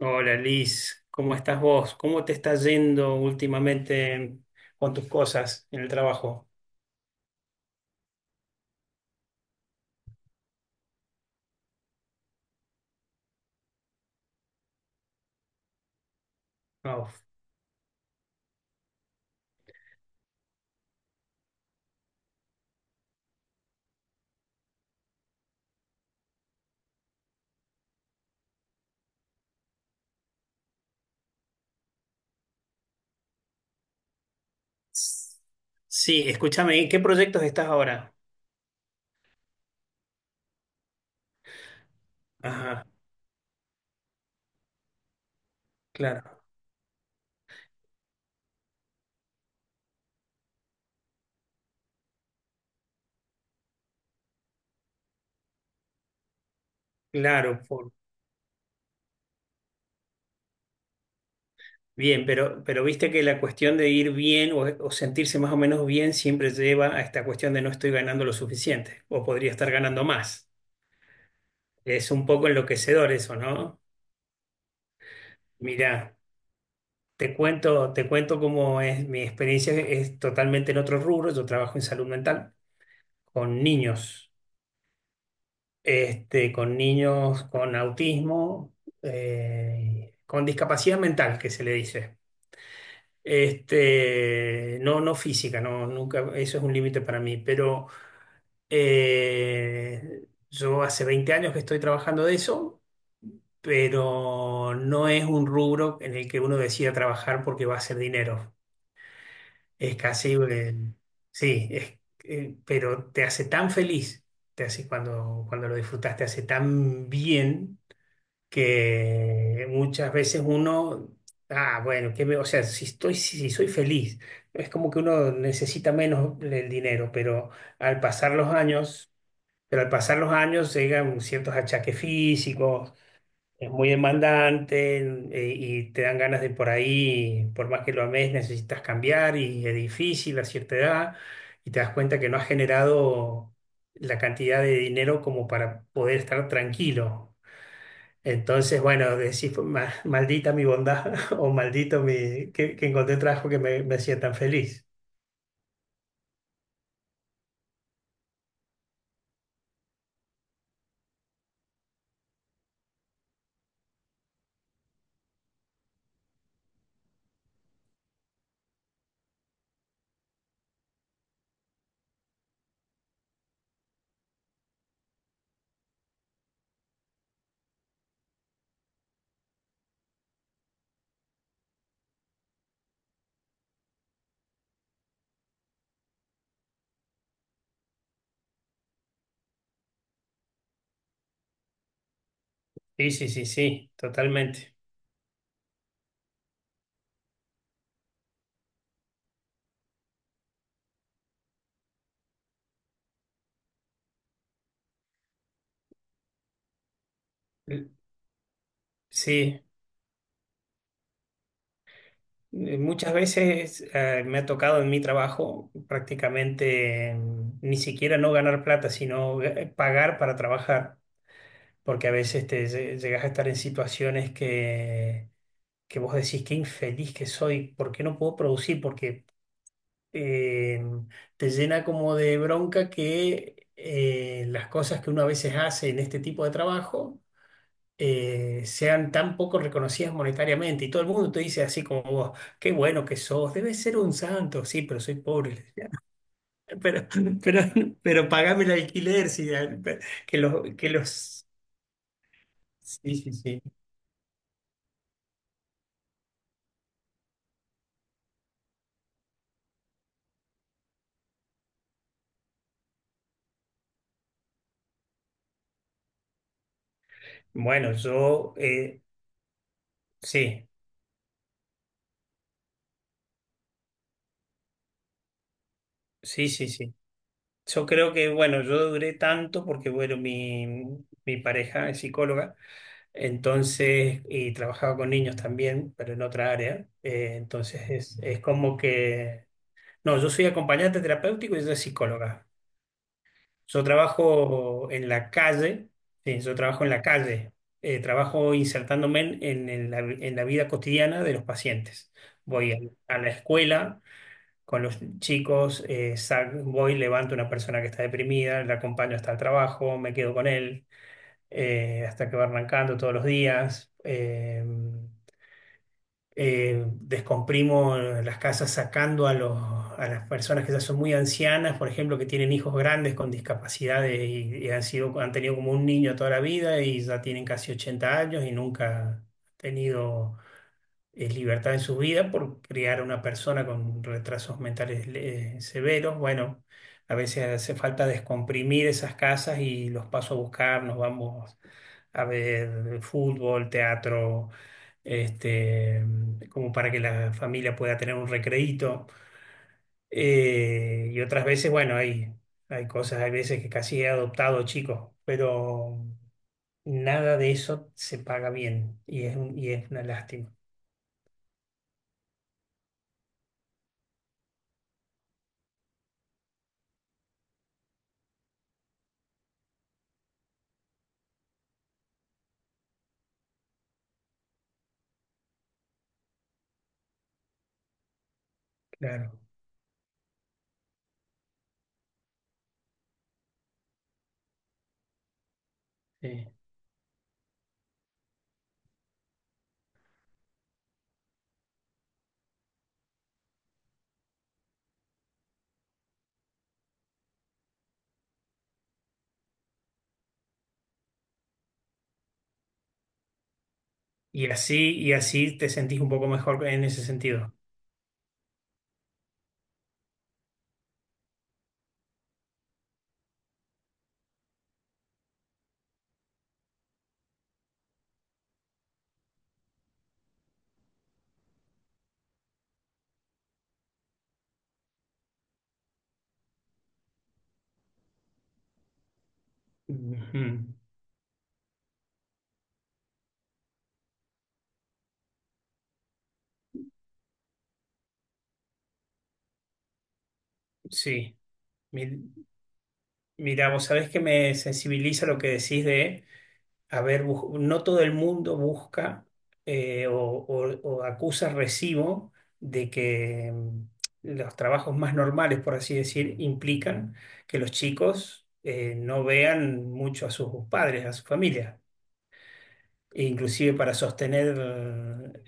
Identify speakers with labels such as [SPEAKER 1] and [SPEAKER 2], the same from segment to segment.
[SPEAKER 1] Hola Liz, ¿cómo estás vos? ¿Cómo te está yendo últimamente con tus cosas en el trabajo? Uf. Sí, escúchame, ¿en qué proyectos estás ahora? Ajá, claro, claro, por- bien, pero viste que la cuestión de ir bien o sentirse más o menos bien siempre lleva a esta cuestión de no estoy ganando lo suficiente o podría estar ganando más. Es un poco enloquecedor eso, ¿no? Mirá. Te cuento cómo es mi experiencia, es totalmente en otro rubro. Yo trabajo en salud mental con niños, con niños con autismo, con discapacidad mental, que se le dice. No, no física, no, nunca, eso es un límite para mí, pero eh, yo hace 20 años que estoy trabajando de eso, pero no es un rubro en el que uno decida trabajar porque va a hacer dinero. Es casi, sí, es, pero te hace tan feliz, te hace cuando lo disfrutas, te hace tan bien que muchas veces uno, ah, bueno, que me, o sea, si estoy, si, si soy feliz, es como que uno necesita menos el dinero, pero al pasar los años, pero al pasar los años llegan ciertos achaques físicos, es muy demandante y te dan ganas de por ahí, por más que lo ames, necesitas cambiar y es difícil a cierta edad y te das cuenta que no has generado la cantidad de dinero como para poder estar tranquilo. Entonces, bueno, decís, maldita mi bondad o maldito mi, que encontré trabajo que me hacía tan feliz. Sí, sí, sí, sí, totalmente. L- Sí. Muchas veces me ha tocado en mi trabajo prácticamente ni siquiera no ganar plata, sino pagar para trabajar, porque a veces te llegas a estar en situaciones que vos decís qué infeliz que soy, ¿por qué no puedo producir? Porque eh, te llena como de bronca que las cosas que uno a veces hace en este tipo de trabajo sean tan poco reconocidas monetariamente. Y todo el mundo te dice así como vos, qué bueno que sos, debes ser un santo. Sí, pero soy pobre. Le decía. Pero, pero, pero pagame el alquiler, sí, que los, que los... Sí, sí, sí. Bueno, yo, sí, sí, sí, sí. Yo creo que, bueno, yo duré tanto porque, bueno, mi pareja es psicóloga, entonces, y trabajaba con niños también, pero en otra área, entonces es como que no, yo soy acompañante terapéutico y soy psicóloga. Yo trabajo en la calle, sí, yo trabajo en la calle. Trabajo insertándome en la vida cotidiana de los pacientes. Voy a la escuela con los chicos, voy, levanto a una persona que está deprimida, la acompaño hasta el trabajo, me quedo con él, hasta que va arrancando todos los días. Descomprimo las casas sacando a a las personas que ya son muy ancianas, por ejemplo, que tienen hijos grandes con discapacidades y han sido, han tenido como un niño toda la vida y ya tienen casi 80 años y nunca han tenido libertad en su vida por criar a una persona con retrasos mentales severos. Bueno, a veces hace falta descomprimir esas casas y los paso a buscar, nos vamos a ver fútbol, teatro, este, como para que la familia pueda tener un recreíto. Y otras veces, bueno, hay cosas, hay veces que casi he adoptado chicos, pero nada de eso se paga bien y es una lástima, claro. Sí. Y así te sentís un poco mejor en ese sentido. Ujú, sí. Mi- mira, vos sabés que me sensibiliza lo que decís de a ver, no todo el mundo busca o acusa recibo de que los trabajos más normales, por así decir, implican que los chicos no vean mucho a sus padres, a su familia. E inclusive para sostener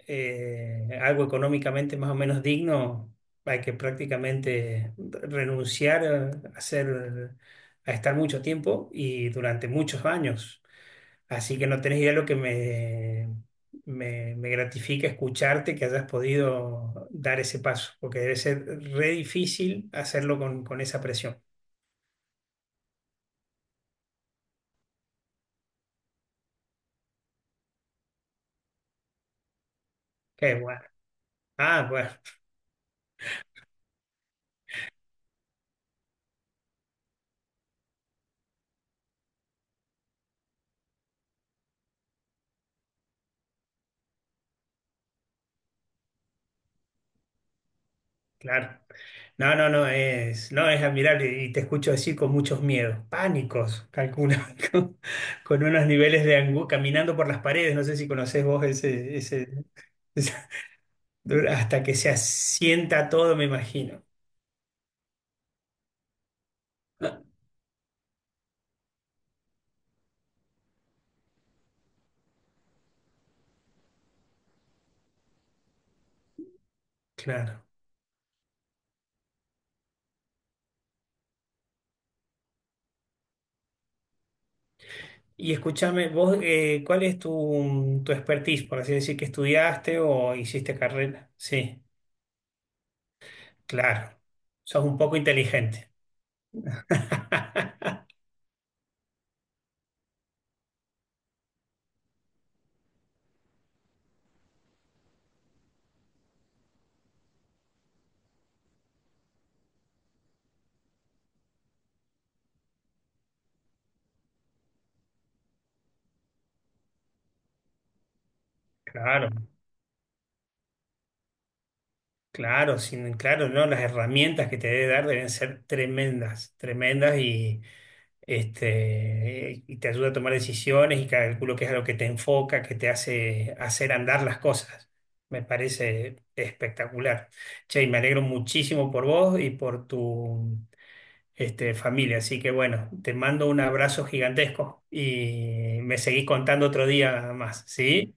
[SPEAKER 1] algo económicamente más o menos digno, hay que prácticamente renunciar a estar mucho tiempo y durante muchos años. Así que no tenés idea lo que me gratifica escucharte que hayas podido dar ese paso, porque debe ser re difícil hacerlo con esa presión. Qué bueno. Ah, bueno, claro. No, no, no, es, no, es admirable y te escucho decir con muchos miedos, pánicos, calculo, con, con unos niveles de angustia, caminando por las paredes, no sé si conocés vos ese, ese- hasta que se asienta todo, me imagino. Claro. Y escúchame, vos, ¿cuál es tu, tu expertise, por así decir, que estudiaste o hiciste carrera? Sí, claro. Sos un poco inteligente. Claro, claro, sin, claro, ¿no? Las herramientas que te debe dar deben ser tremendas, tremendas y, y te ayuda a tomar decisiones y calculo que es a lo que te enfoca, que te hace hacer andar las cosas. Me parece espectacular. Che, y me alegro muchísimo por vos y por tu familia. Así que bueno, te mando un abrazo gigantesco y me seguís contando otro día más, ¿sí?